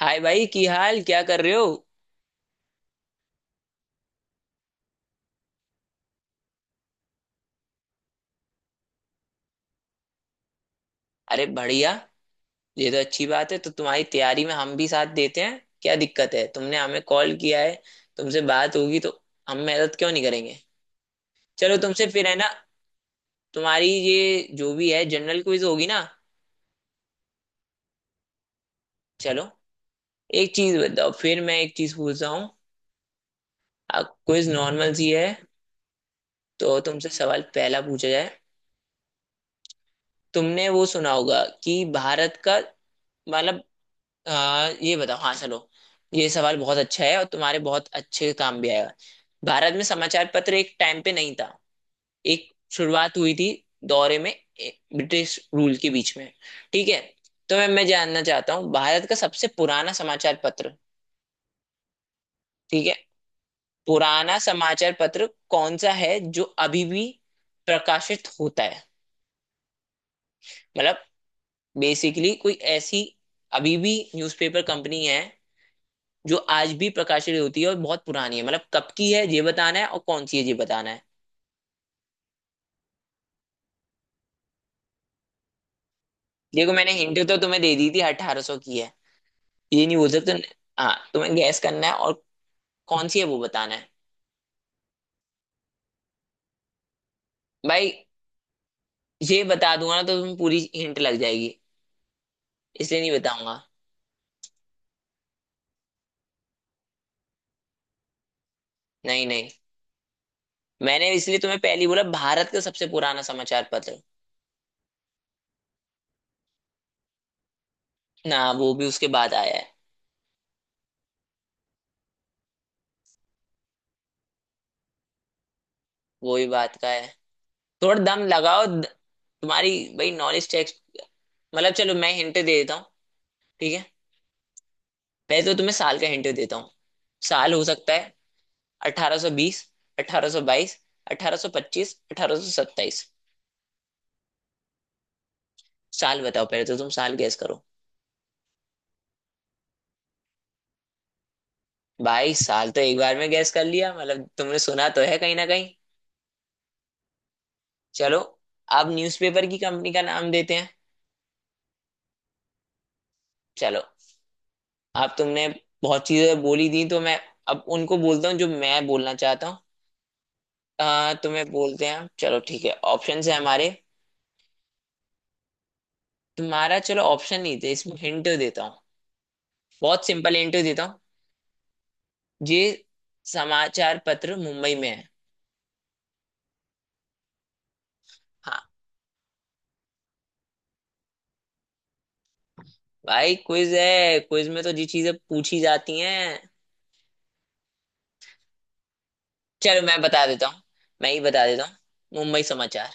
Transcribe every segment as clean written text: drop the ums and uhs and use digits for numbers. हाय भाई की हाल क्या कर रहे हो। अरे बढ़िया, ये तो अच्छी बात है। तो तुम्हारी तैयारी में हम भी साथ देते हैं। क्या दिक्कत है, तुमने हमें कॉल किया है, तुमसे बात होगी तो हम मदद क्यों नहीं करेंगे। चलो, तुमसे फिर है ना। तुम्हारी ये जो भी है जनरल क्विज होगी ना। चलो, एक चीज बताओ, फिर मैं एक चीज पूछता हूँ। आप क्विज नॉर्मल सी है तो तुमसे सवाल पहला पूछा जाए। तुमने वो सुना होगा कि भारत का, मतलब, ये बताओ। हाँ चलो, ये सवाल बहुत अच्छा है और तुम्हारे बहुत अच्छे काम भी आएगा। भारत में समाचार पत्र एक टाइम पे नहीं था, एक शुरुआत हुई थी दौरे में ब्रिटिश रूल के बीच में। ठीक है, तो मैं जानना चाहता हूँ भारत का सबसे पुराना समाचार पत्र। ठीक है, पुराना समाचार पत्र कौन सा है जो अभी भी प्रकाशित होता है। मतलब बेसिकली कोई ऐसी अभी भी न्यूज़पेपर कंपनी है जो आज भी प्रकाशित होती है और बहुत पुरानी है। मतलब कब की है ये बताना है और कौन सी है ये बताना है। देखो, मैंने हिंट तो तुम्हें दे दी थी, अठारह सौ की है, ये नहीं बोल सकते। हाँ, तुम्हें गैस करना है और कौन सी है वो बताना है। भाई, ये बता दूंगा ना तो तुम्हें पूरी हिंट लग जाएगी, इसलिए नहीं बताऊंगा। नहीं नहीं, मैंने इसलिए तुम्हें पहले ही बोला भारत का सबसे पुराना समाचार पत्र। ना, वो भी उसके बाद आया है। वो भी बात का है। थोड़ा दम लगाओ। तुम्हारी, भाई, नॉलेज टेक्स्ट। मतलब चलो, मैं हिंट दे देता हूँ, ठीक है। पहले तो तुम्हें साल का हिंट देता हूँ, साल हो सकता है 1820, 1822, 1825, 1827। साल बताओ, पहले तो तुम साल गैस करो। भाई, साल तो एक बार में गैस कर लिया, मतलब तुमने सुना तो है कहीं ना कहीं। चलो, आप न्यूज़पेपर की कंपनी का नाम देते हैं। चलो, आप तुमने बहुत चीजें बोली दी तो मैं अब उनको बोलता हूँ जो मैं बोलना चाहता हूँ। तुम्हें बोलते हैं, चलो ठीक है, ऑप्शन है हमारे। तुम्हारा चलो ऑप्शन नहीं थे, इसमें हिंट देता हूँ, बहुत सिंपल हिंट देता हूँ। ये समाचार पत्र मुंबई में है। हाँ भाई, क्विज है, क्विज में तो जी चीजें पूछी जाती हैं। चलो मैं बता देता हूँ, मैं ही बता देता हूँ। मुंबई समाचार।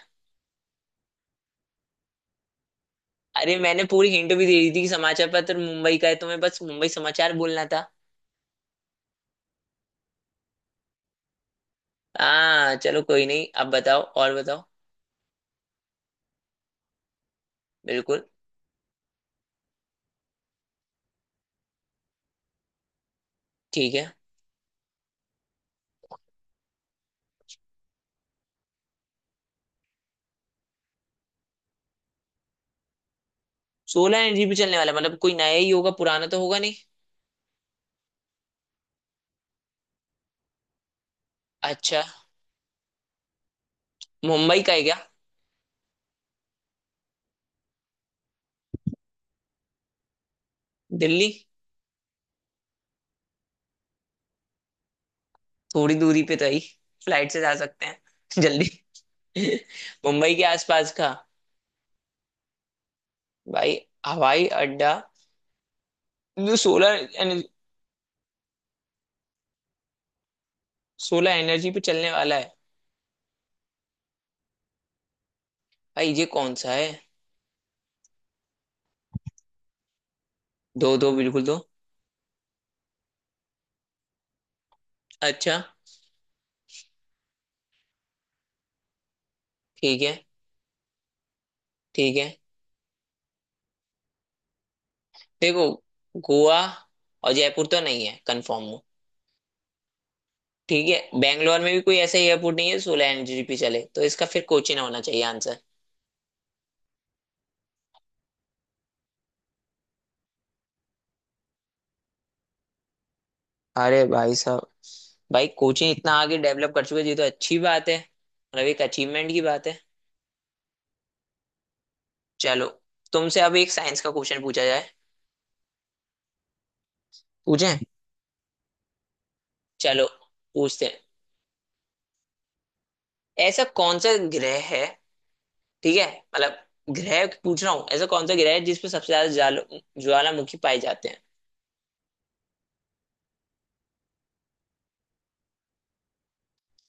अरे, मैंने पूरी हिंट भी दे दी थी कि समाचार पत्र मुंबई का है, तुम्हें बस मुंबई समाचार बोलना था। हाँ चलो, कोई नहीं, अब बताओ और बताओ। बिल्कुल। ठीक है, सोलह एनर्जी पे चलने वाला मतलब कोई नया ही होगा, पुराना तो होगा नहीं। अच्छा, मुंबई का है क्या? दिल्ली थोड़ी दूरी पे तो है ही, फ्लाइट से जा सकते हैं जल्दी। मुंबई के आसपास का भाई, हवाई अड्डा जो सोलर सोलर एनर्जी पे चलने वाला है। भाई ये कौन सा है? दो, दो, बिल्कुल दो। अच्छा। ठीक है। ठीक है। देखो, गोवा और जयपुर तो नहीं है, कंफर्म हो। ठीक है, बेंगलोर में भी कोई ऐसा एयरपोर्ट नहीं है सोलर एनर्जी पे चले, तो इसका फिर कोचीन होना चाहिए आंसर। अरे भाई साहब, भाई कोचिंग इतना आगे डेवलप कर चुके हैं, ये तो अच्छी बात है, मतलब एक अचीवमेंट की बात है। चलो, तुमसे अब एक साइंस का क्वेश्चन पूछा जाए। पूछें? चलो पूछते हैं। ऐसा कौन सा ग्रह है, ठीक है, मतलब ग्रह पूछ रहा हूँ, ऐसा कौन सा ग्रह है जिसपे सबसे ज्यादा ज्वाल, ज्वालामुखी पाए जाते हैं।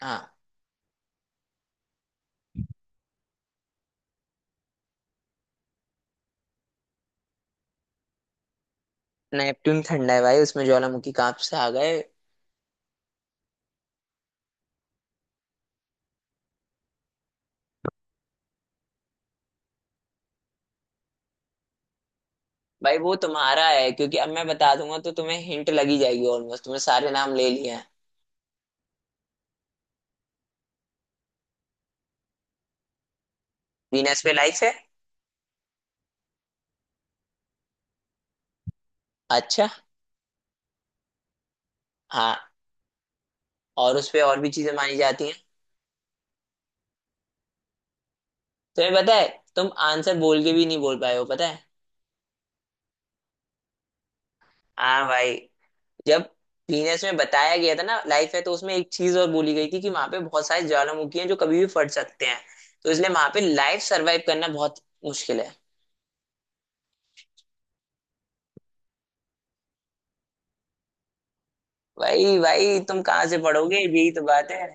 हाँ, नेपट्टून ठंडा है भाई, उसमें ज्वालामुखी कहाँ से आ गए। भाई वो तुम्हारा है, क्योंकि अब मैं बता दूंगा तो तुम्हें हिंट लगी जाएगी, ऑलमोस्ट तुमने सारे नाम ले लिए हैं। वीनस पे लाइफ है? अच्छा। हाँ, और उस पे और भी चीजें मानी जाती हैं। तुम्हें पता है, तुम आंसर बोल के भी नहीं बोल पाए हो, पता है? हाँ भाई, जब पीनस में बताया गया था ना लाइफ है, तो उसमें एक चीज और बोली गई थी कि वहां पे बहुत सारे ज्वालामुखी हैं जो कभी भी फट सकते हैं, तो इसलिए वहां पे लाइफ सरवाइव करना बहुत मुश्किल है। भाई भाई, तुम कहाँ से पढ़ोगे, यही तो बात है।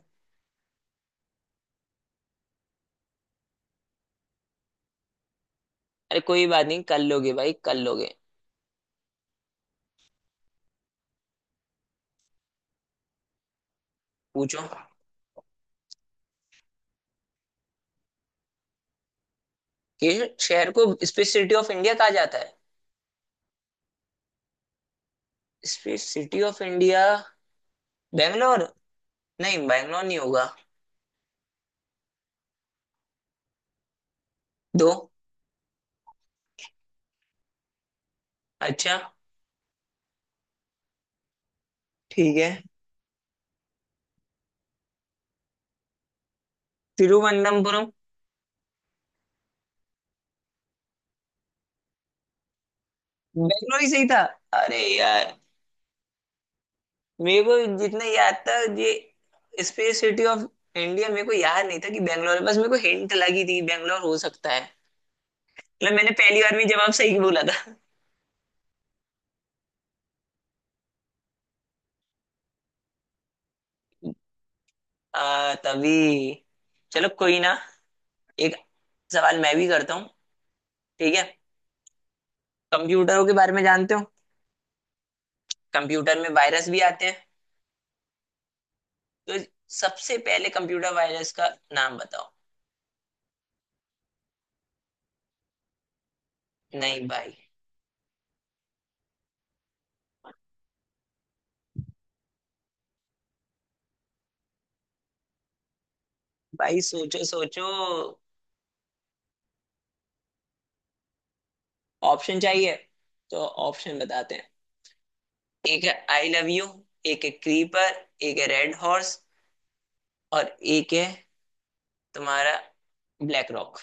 अरे कोई बात नहीं, कर लोगे भाई, कर लोगे। पूछो। कि शहर को स्पेस सिटी ऑफ इंडिया कहा जाता है। Space city of India, Bangalore. नहीं, बेंगलोर नहीं होगा। दो। अच्छा। ठीक है। तिरुवनंतपुरम। बेंगलोर ही सही था। अरे यार, मेरे को जितना याद था, ये स्पेस सिटी ऑफ इंडिया मेरे को याद नहीं था कि बैंगलोर है, बस मेरे को हिंट लगी थी बैंगलोर हो सकता है। मतलब मैंने पहली बार में जवाब सही बोला था। तभी, चलो कोई ना। एक सवाल मैं भी करता हूँ, ठीक है। कंप्यूटरों के बारे में जानते हो? कंप्यूटर में वायरस भी आते हैं, तो सबसे पहले कंप्यूटर वायरस का नाम बताओ। नहीं भाई। भाई सोचो, सोचो। ऑप्शन चाहिए? तो ऑप्शन बताते हैं। एक है आई लव यू, एक है क्रीपर, एक है रेड हॉर्स, और एक है तुम्हारा ब्लैक रॉक।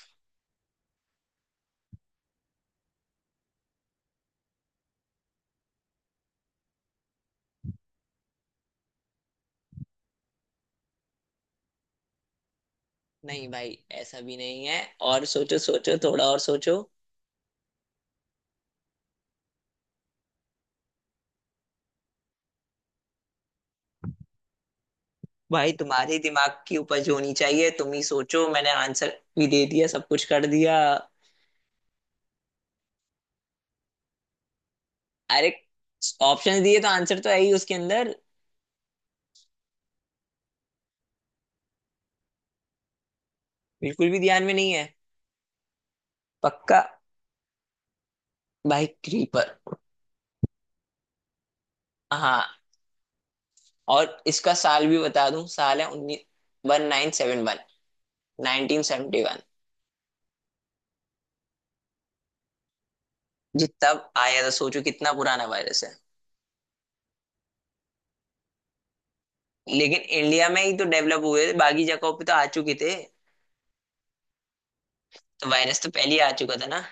नहीं भाई, ऐसा भी नहीं है। और सोचो, सोचो, थोड़ा और सोचो। भाई, तुम्हारे दिमाग की उपज होनी चाहिए, तुम ही सोचो, मैंने आंसर भी दे दिया, सब कुछ कर दिया। अरे, ऑप्शन दिए तो आंसर तो है ही उसके अंदर। बिल्कुल भी ध्यान में नहीं है? पक्का? भाई क्रीपर। हाँ, और इसका साल भी बता दूं, साल है उन्नीस, one nine seven one, nineteen seventy one. जी तब आया था, सोचो कितना पुराना वायरस है। लेकिन इंडिया में ही तो डेवलप हुए थे, बाकी जगहों पे तो आ चुके थे, तो वायरस तो पहले ही आ चुका था ना।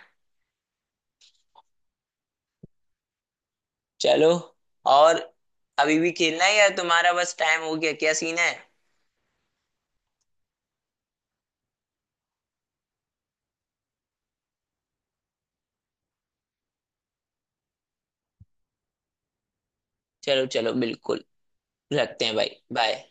चलो, और अभी भी खेलना है या तुम्हारा बस टाइम हो गया, क्या सीन है? चलो चलो, बिल्कुल रखते हैं भाई, बाय।